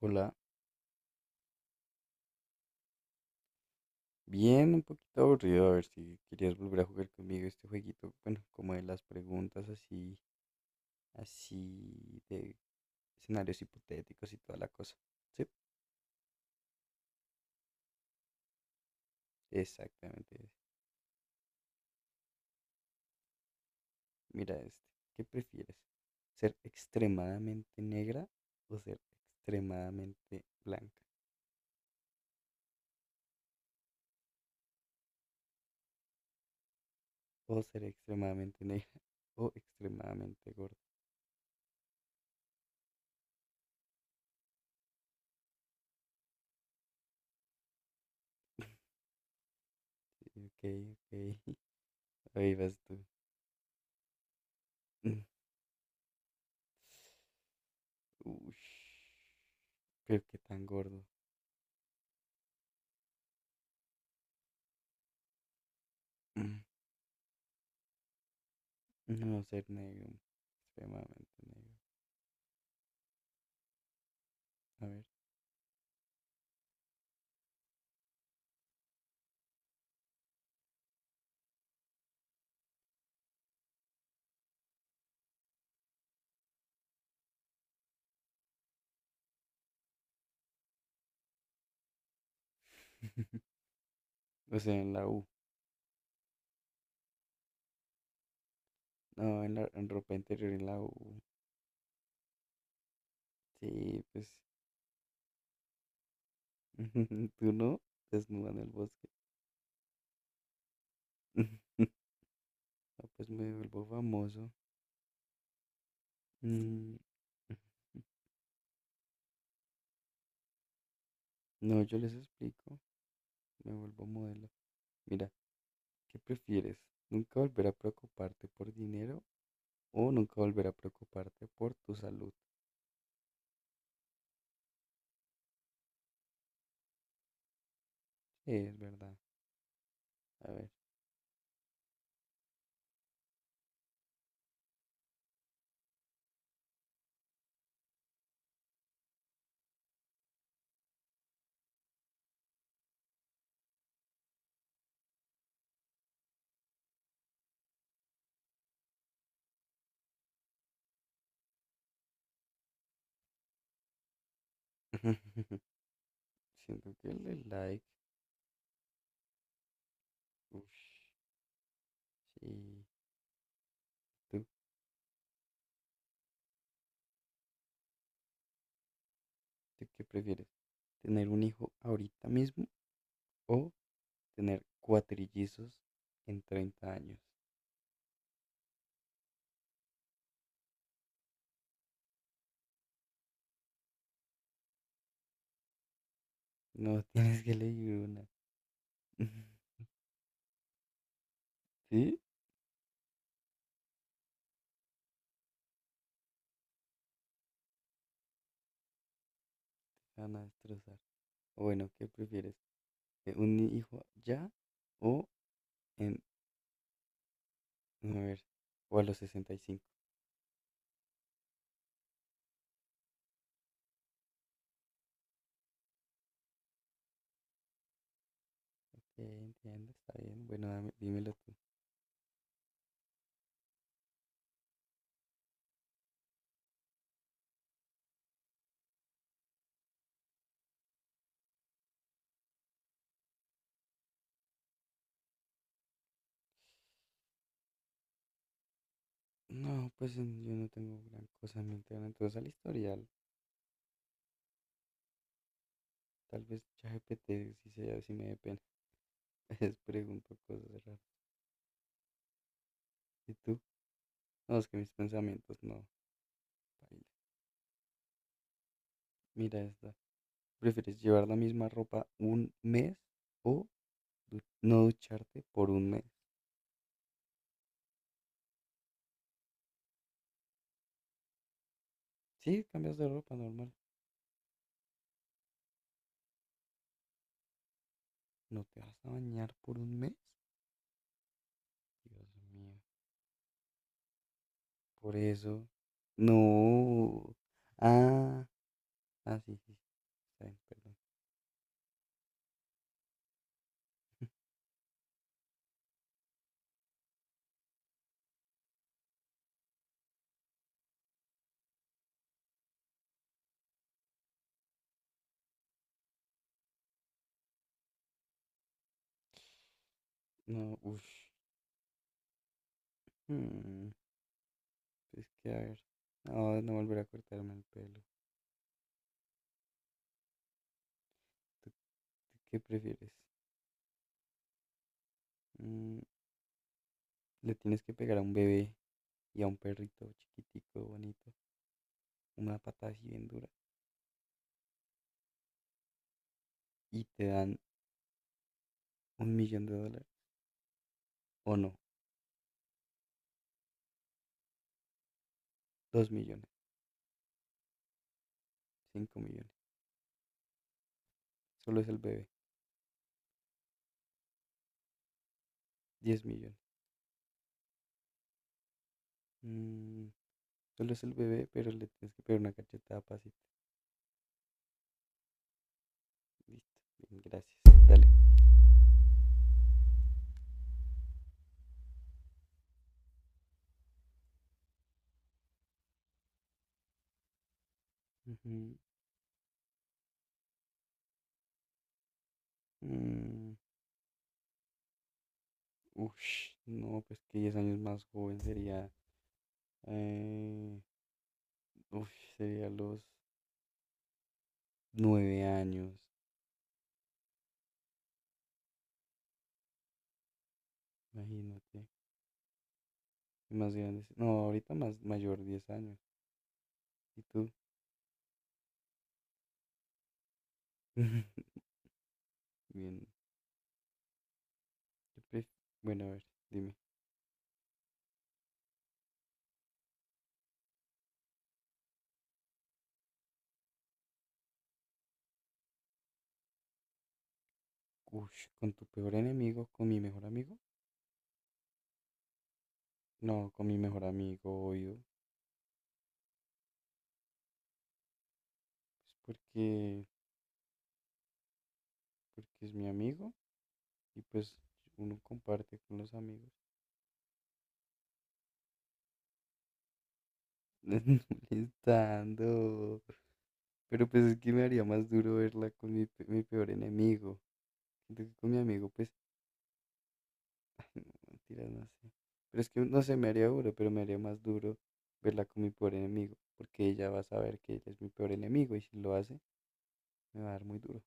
Hola, bien, un poquito aburrido, a ver si querías volver a jugar conmigo este jueguito, bueno, como de las preguntas así, así de escenarios hipotéticos y toda la cosa. Sí, exactamente. Ese. Mira este, ¿qué prefieres? ¿Ser extremadamente negra o ser extremadamente blanca? O ser extremadamente negra o extremadamente gorda. Ok, ok. Ahí vas tú. Uy, pero qué tan gordo. No, ser negro, extremadamente negro. A ver, o sea, en la U. No, en ropa interior en la U. Sí, pues. Tú no, desnuda en el bosque. No, pues me vuelvo famoso. Mm, No, yo les explico. Me vuelvo modelo. Mira, ¿qué prefieres? ¿Nunca volver a preocuparte por dinero o nunca volver a preocuparte por tu salud? Sí, es verdad. A ver. Siento que el de like. Uff. Sí. ¿Tú ¿Tú qué prefieres? ¿Tener un hijo ahorita mismo o tener cuatrillizos en 30 años? No tienes que elegir una. ¿Sí? Te van a destrozar. O bueno, ¿qué prefieres? ¿Un hijo ya o en... a ver, o a los 65? Sí, entiendo, está bien. Bueno, dímelo tú. No, pues yo no tengo gran cosa en mente ahora en toda esa. Tal vez ChatGPT si me dé pena. Les pregunto cosas raras. ¿Y tú? No, es que mis pensamientos no. Mira esta. ¿Prefieres llevar la misma ropa un mes o no ducharte por un mes? Sí, cambias de ropa normal. ¿No te vas a bañar por un mes? Dios mío. Por eso. No. Ah, ah, sí, sí, sí, está bien, perdón. No, uff. Es que a ver. No, no volver a cortarme el pelo. ¿Tú- ¿Tú qué prefieres? Mm, Le tienes que pegar a un bebé y a un perrito chiquitico, bonito, una patada así bien dura y te dan 1 millón de dólares. O no, 2 millones, 5 millones. Solo es el bebé, 10 millones. Mm, solo es el bebé, pero le tienes que pegar una cachetada pasita. Listo, bien, gracias. Dale. Ujú. Mm, ush, no, pues que 10 años más joven sería. eh, Sería los 9 años. Imagínate. Más grande. No, ahorita más mayor, 10 años. ¿Y tú? Bien. Yo pref- Bueno, a ver, dime. Ush, ¿con tu peor enemigo? ¿Con mi mejor amigo? No, con mi mejor amigo, obvio. Pues porque, Porque es mi amigo y pues uno comparte con los amigos. Molestando. Pero pues es que me haría más duro verla con mi peor enemigo. Siento que con mi amigo, pues, mentira no sé. Pero es que no sé, me haría duro, pero me haría más duro verla con mi peor enemigo. Porque ella va a saber que ella es mi peor enemigo y si lo hace, me va a dar muy duro.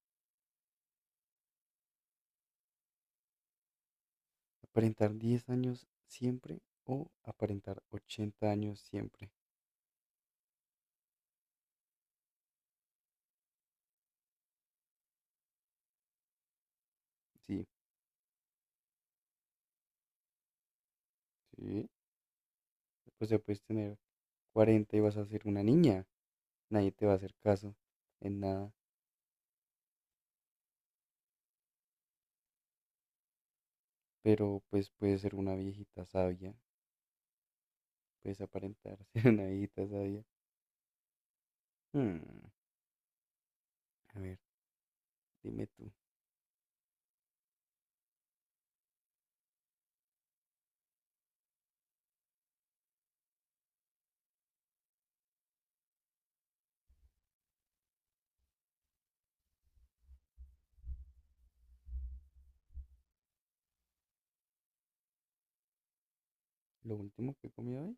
¿Aparentar 10 años siempre o aparentar 80 años siempre? Sí, sí. O sea, puedes tener 40 y vas a ser una niña. Nadie te va a hacer caso en nada. Pero pues puedes ser una viejita sabia. Puedes aparentar ser una viejita sabia. Hmm, a ver, dime tú. Lo último que comí hoy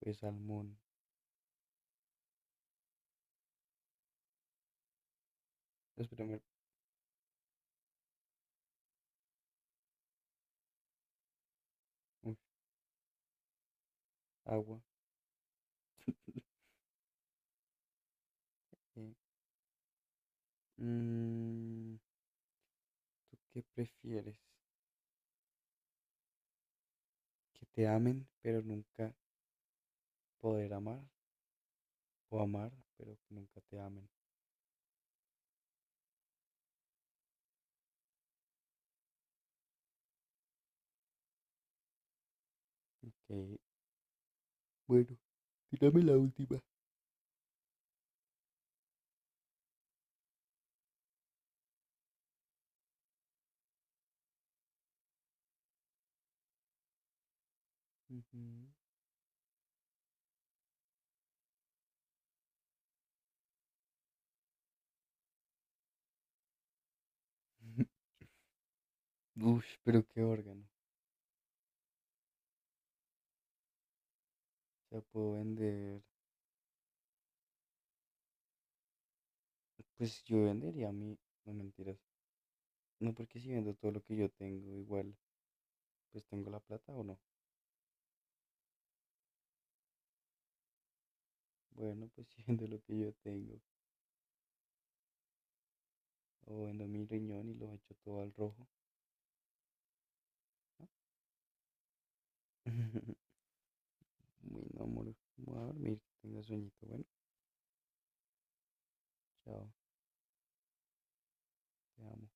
fue salmón. Espérame. Uf, agua. eh, mm, ¿Tú qué prefieres? ¿Que te amen pero nunca poder amar? O amar, pero que nunca te amen. Ok, bueno, tírame la última. Ujú. Ush, pero qué órgano. O sea, puedo vender. Pues yo vendería mi. No, mentiras. No, porque si vendo todo lo que yo tengo, igual, pues tengo la plata o no. Bueno, pues si vendo lo que yo tengo. O vendo mi riñón y lo echo todo al rojo. ¿No? Bueno, amor, voy a dormir, que tenga sueñito. Bueno, chao, te amo.